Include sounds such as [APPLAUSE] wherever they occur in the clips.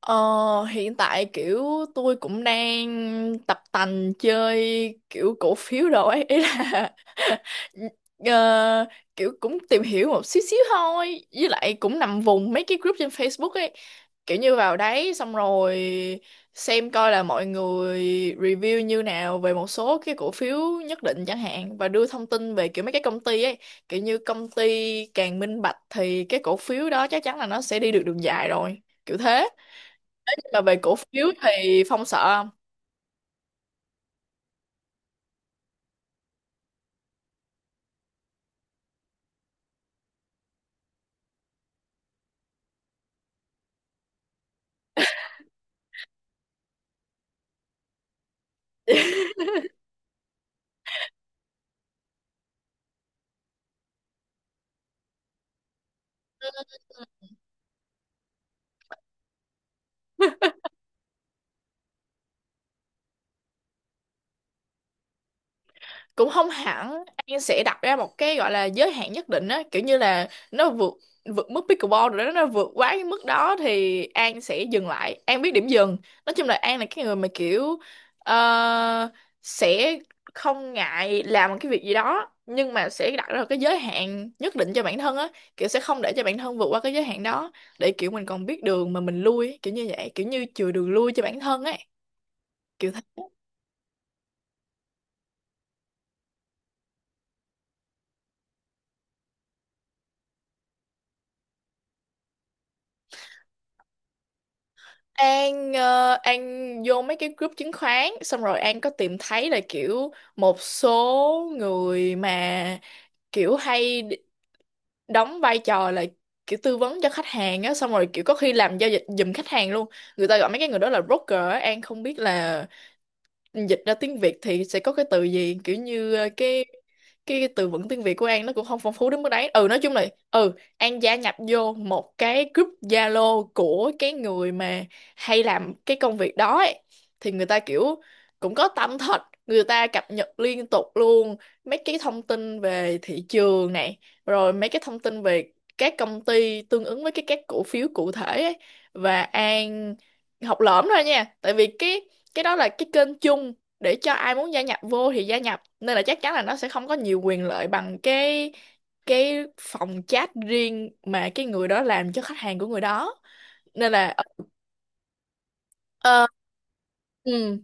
Ờ, hiện tại kiểu tôi cũng đang tập tành chơi kiểu cổ phiếu rồi ấy ý là [LAUGHS] ờ, kiểu cũng tìm hiểu một xíu xíu thôi, với lại cũng nằm vùng mấy cái group trên Facebook ấy, kiểu như vào đấy xong rồi xem coi là mọi người review như nào về một số cái cổ phiếu nhất định chẳng hạn và đưa thông tin về kiểu mấy cái công ty ấy. Kiểu như công ty càng minh bạch thì cái cổ phiếu đó chắc chắn là nó sẽ đi được đường dài rồi, kiểu thế. Mà về cổ phiếu thì Phong sợ không? [LAUGHS] Cũng không hẳn, An sẽ đặt ra một cái gọi là giới hạn nhất định á, kiểu như là nó vượt vượt mức pickleball rồi đó, nó vượt quá cái mức đó thì An sẽ dừng lại, An biết điểm dừng. Nói chung là An là cái người mà kiểu ờ, sẽ không ngại làm một cái việc gì đó nhưng mà sẽ đặt ra một cái giới hạn nhất định cho bản thân á, kiểu sẽ không để cho bản thân vượt qua cái giới hạn đó, để kiểu mình còn biết đường mà mình lui, kiểu như vậy, kiểu như chừa đường lui cho bản thân ấy, kiểu thế. An An vô mấy cái group chứng khoán xong rồi An có tìm thấy là kiểu một số người mà kiểu hay đóng vai trò là kiểu tư vấn cho khách hàng á, xong rồi kiểu có khi làm giao dịch giùm khách hàng luôn. Người ta gọi mấy cái người đó là broker á, An không biết là dịch ra tiếng Việt thì sẽ có cái từ gì, kiểu như từ vựng tiếng Việt của An nó cũng không phong phú đến mức đấy. Ừ, nói chung là ừ An gia nhập vô một cái group Zalo của cái người mà hay làm cái công việc đó ấy. Thì người ta kiểu cũng có tâm thật, người ta cập nhật liên tục luôn mấy cái thông tin về thị trường này, rồi mấy cái thông tin về các công ty tương ứng với cái các cổ phiếu cụ thể ấy. Và An học lỏm thôi nha, tại vì cái đó là cái kênh chung để cho ai muốn gia nhập vô thì gia nhập, nên là chắc chắn là nó sẽ không có nhiều quyền lợi bằng cái phòng chat riêng mà cái người đó làm cho khách hàng của người đó, nên là ờ, ừ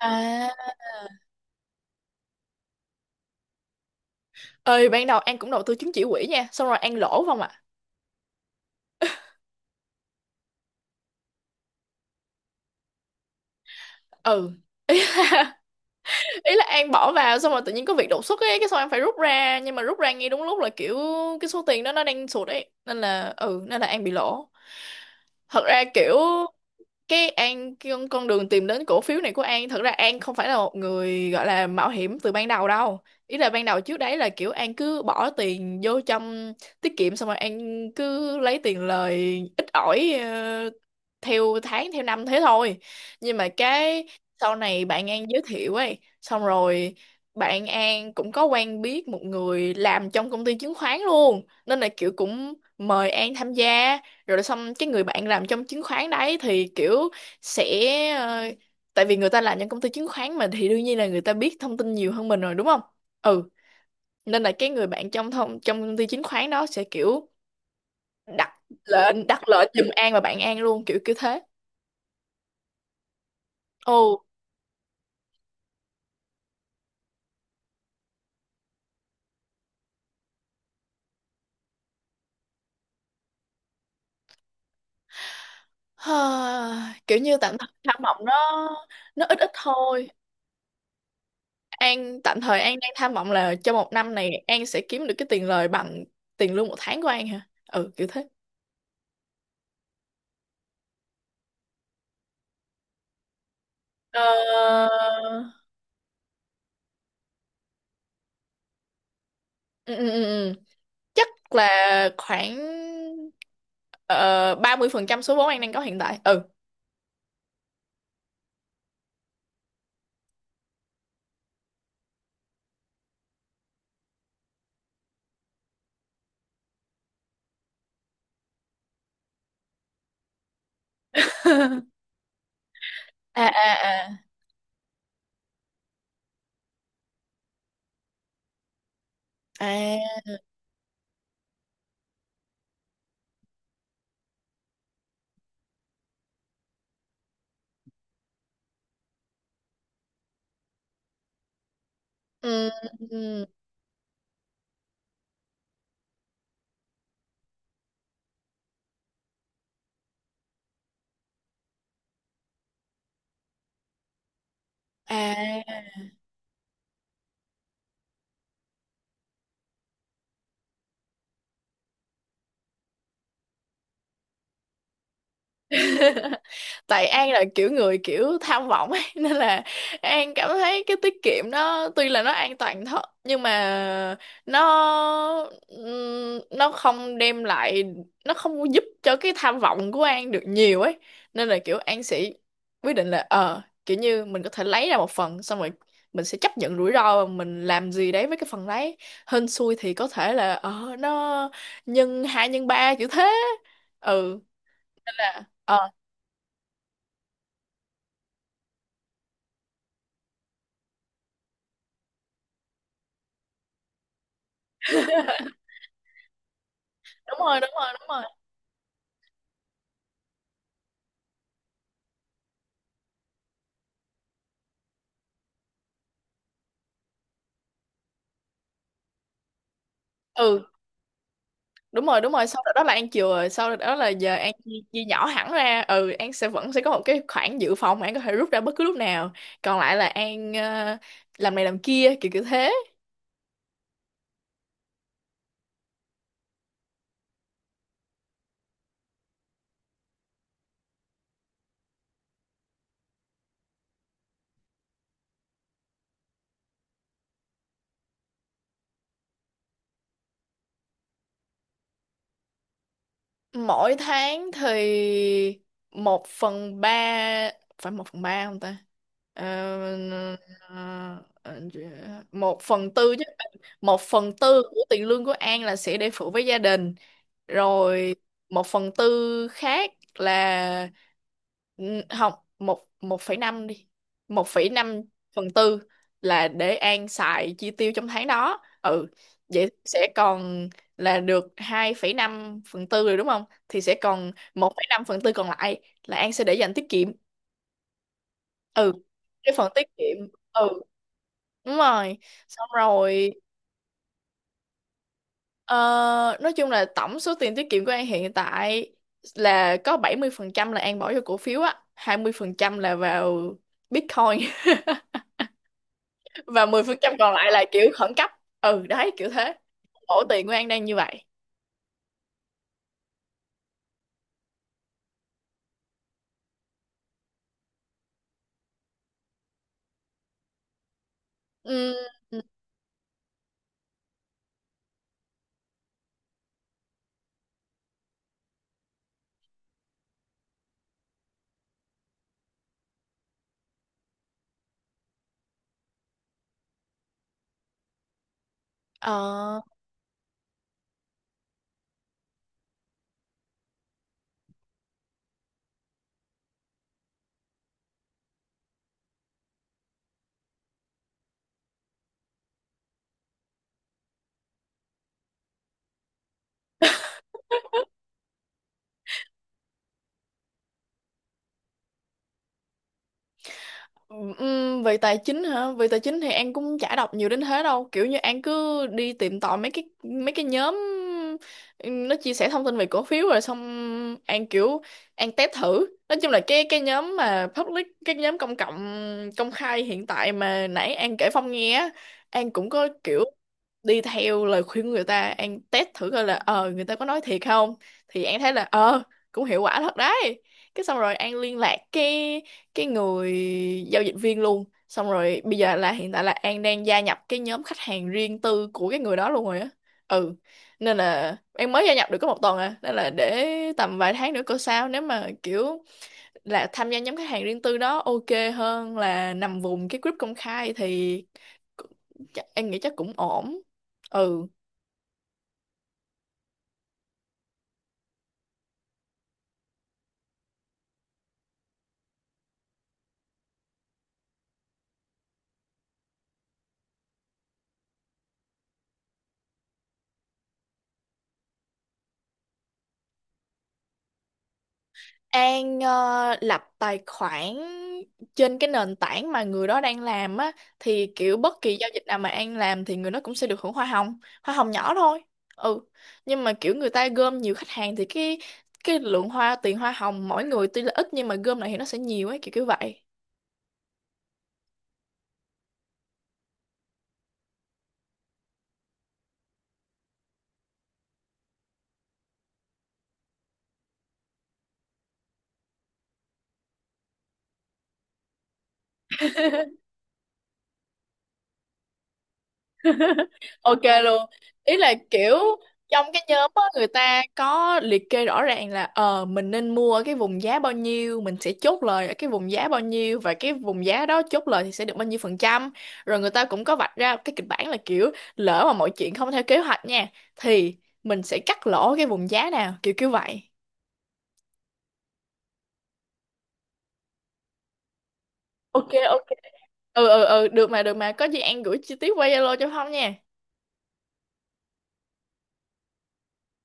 à ơi ban đầu An cũng đầu tư chứng chỉ quỹ nha, xong rồi An lỗ không ạ. Ừ, ý là, [LAUGHS] ý là An bỏ vào xong rồi tự nhiên có việc đột xuất ấy, cái xong An phải rút ra, nhưng mà rút ra ngay đúng lúc là kiểu cái số tiền đó nó đang sụt ấy, nên là ừ nên là An bị lỗ. Thật ra kiểu cái An cái con đường tìm đến cổ phiếu này của An, thật ra An không phải là một người gọi là mạo hiểm từ ban đầu đâu. Ý là ban đầu trước đấy là kiểu An cứ bỏ tiền vô trong tiết kiệm, xong rồi An cứ lấy tiền lời ít ỏi, theo tháng theo năm thế thôi. Nhưng mà cái sau này bạn An giới thiệu ấy, xong rồi bạn An cũng có quen biết một người làm trong công ty chứng khoán luôn, nên là kiểu cũng mời An tham gia. Rồi xong cái người bạn làm trong chứng khoán đấy thì kiểu sẽ ờ, tại vì người ta làm trong công ty chứng khoán mà thì đương nhiên là người ta biết thông tin nhiều hơn mình rồi đúng không. Ừ, nên là cái người bạn trong công ty chứng khoán đó sẽ kiểu đặt đặt lệnh giùm An và bạn An luôn, kiểu kiểu thế. Ồ ha, kiểu như tạm thời tham vọng nó ít ít thôi. An tạm thời An đang tham vọng là trong một năm này An sẽ kiếm được cái tiền lời bằng tiền lương một tháng của An hả, ừ kiểu thế. Ờ, ừ, ừ, ừ. ừ. chắc là khoảng 30% số vốn an đang có hiện tại, ừ. [LAUGHS] À à à. [LAUGHS] À, ừ, ừ, à. [LAUGHS] Tại An là kiểu người kiểu tham vọng ấy, [LAUGHS] nên là An cảm thấy cái tiết kiệm nó tuy là nó an toàn thật, nhưng mà nó nó không đem lại, nó không có giúp cho cái tham vọng của An được nhiều ấy, nên là kiểu An sẽ quyết định là ờ kiểu như mình có thể lấy ra một phần, xong rồi mình sẽ chấp nhận rủi ro và mình làm gì đấy với cái phần đấy. Hên xui thì có thể là ờ nó nhân hai nhân ba, kiểu thế. Ừ nên là ờ đúng rồi đúng rồi đúng rồi. Ừ đúng rồi đúng rồi, sau đó là An chừa, rồi sau đó là giờ An chia nhỏ hẳn ra. Ừ, An sẽ vẫn sẽ có một cái khoản dự phòng mà An có thể rút ra bất cứ lúc nào, còn lại là An làm này làm kia kiểu kiểu thế. Mỗi tháng thì một phần ba, phải một phần ba không ta? Ờ, ờ, ờ, một phần tư chứ. Một phần tư của tiền lương của An là sẽ để phụ với gia đình, rồi một phần tư khác là ừ, không một một phẩy năm đi, một phẩy năm phần tư là để An xài chi tiêu trong tháng đó. Ừ, vậy sẽ còn là được hai phẩy năm phần tư rồi đúng không? Thì sẽ còn một phẩy năm phần tư còn lại là An sẽ để dành tiết kiệm. Ừ, cái phần tiết kiệm. Ừ, đúng rồi. Xong rồi, ờ, nói chung là tổng số tiền tiết kiệm của An hiện tại là có 70% là An bỏ vô cổ phiếu á, 20% là vào Bitcoin [LAUGHS] và 10% còn lại là kiểu khẩn cấp. Ừ, đấy, kiểu thế. Ổ tiền của An đang như vậy. Ừ. Ờ. Về tài chính hả? Về tài chính thì An cũng chả đọc nhiều đến thế đâu. Kiểu như An cứ đi tìm tòi mấy cái nhóm nó chia sẻ thông tin về cổ phiếu, rồi xong An kiểu An test thử. Nói chung là cái nhóm mà public, cái nhóm công cộng công khai hiện tại mà nãy An kể Phong nghe á, An cũng có kiểu đi theo lời khuyên của người ta, An test thử coi là ờ người ta có nói thiệt không. Thì An thấy là ờ cũng hiệu quả thật đấy. Cái xong rồi An liên lạc cái người giao dịch viên luôn, xong rồi bây giờ là hiện tại là An đang gia nhập cái nhóm khách hàng riêng tư của cái người đó luôn rồi á. Ừ, nên là em mới gia nhập được có một tuần à, nên là để tầm vài tháng nữa coi sao, nếu mà kiểu là tham gia nhóm khách hàng riêng tư đó ok hơn là nằm vùng cái group công khai thì em nghĩ chắc cũng ổn. Ừ, An lập tài khoản trên cái nền tảng mà người đó đang làm á, thì kiểu bất kỳ giao dịch nào mà An làm thì người đó cũng sẽ được hưởng hoa hồng nhỏ thôi. Ừ. Nhưng mà kiểu người ta gom nhiều khách hàng thì cái lượng tiền hoa hồng mỗi người tuy là ít nhưng mà gom lại thì nó sẽ nhiều ấy, kiểu kiểu vậy. Ok luôn. Ý là kiểu trong cái nhóm á người ta có liệt kê rõ ràng là ờ mình nên mua ở cái vùng giá bao nhiêu, mình sẽ chốt lời ở cái vùng giá bao nhiêu và cái vùng giá đó chốt lời thì sẽ được bao nhiêu phần trăm. Rồi người ta cũng có vạch ra cái kịch bản là kiểu lỡ mà mọi chuyện không theo kế hoạch nha, thì mình sẽ cắt lỗ cái vùng giá nào, kiểu kiểu vậy. Ok ok. Được mà có gì An gửi chi tiết qua Zalo cho Phong nha.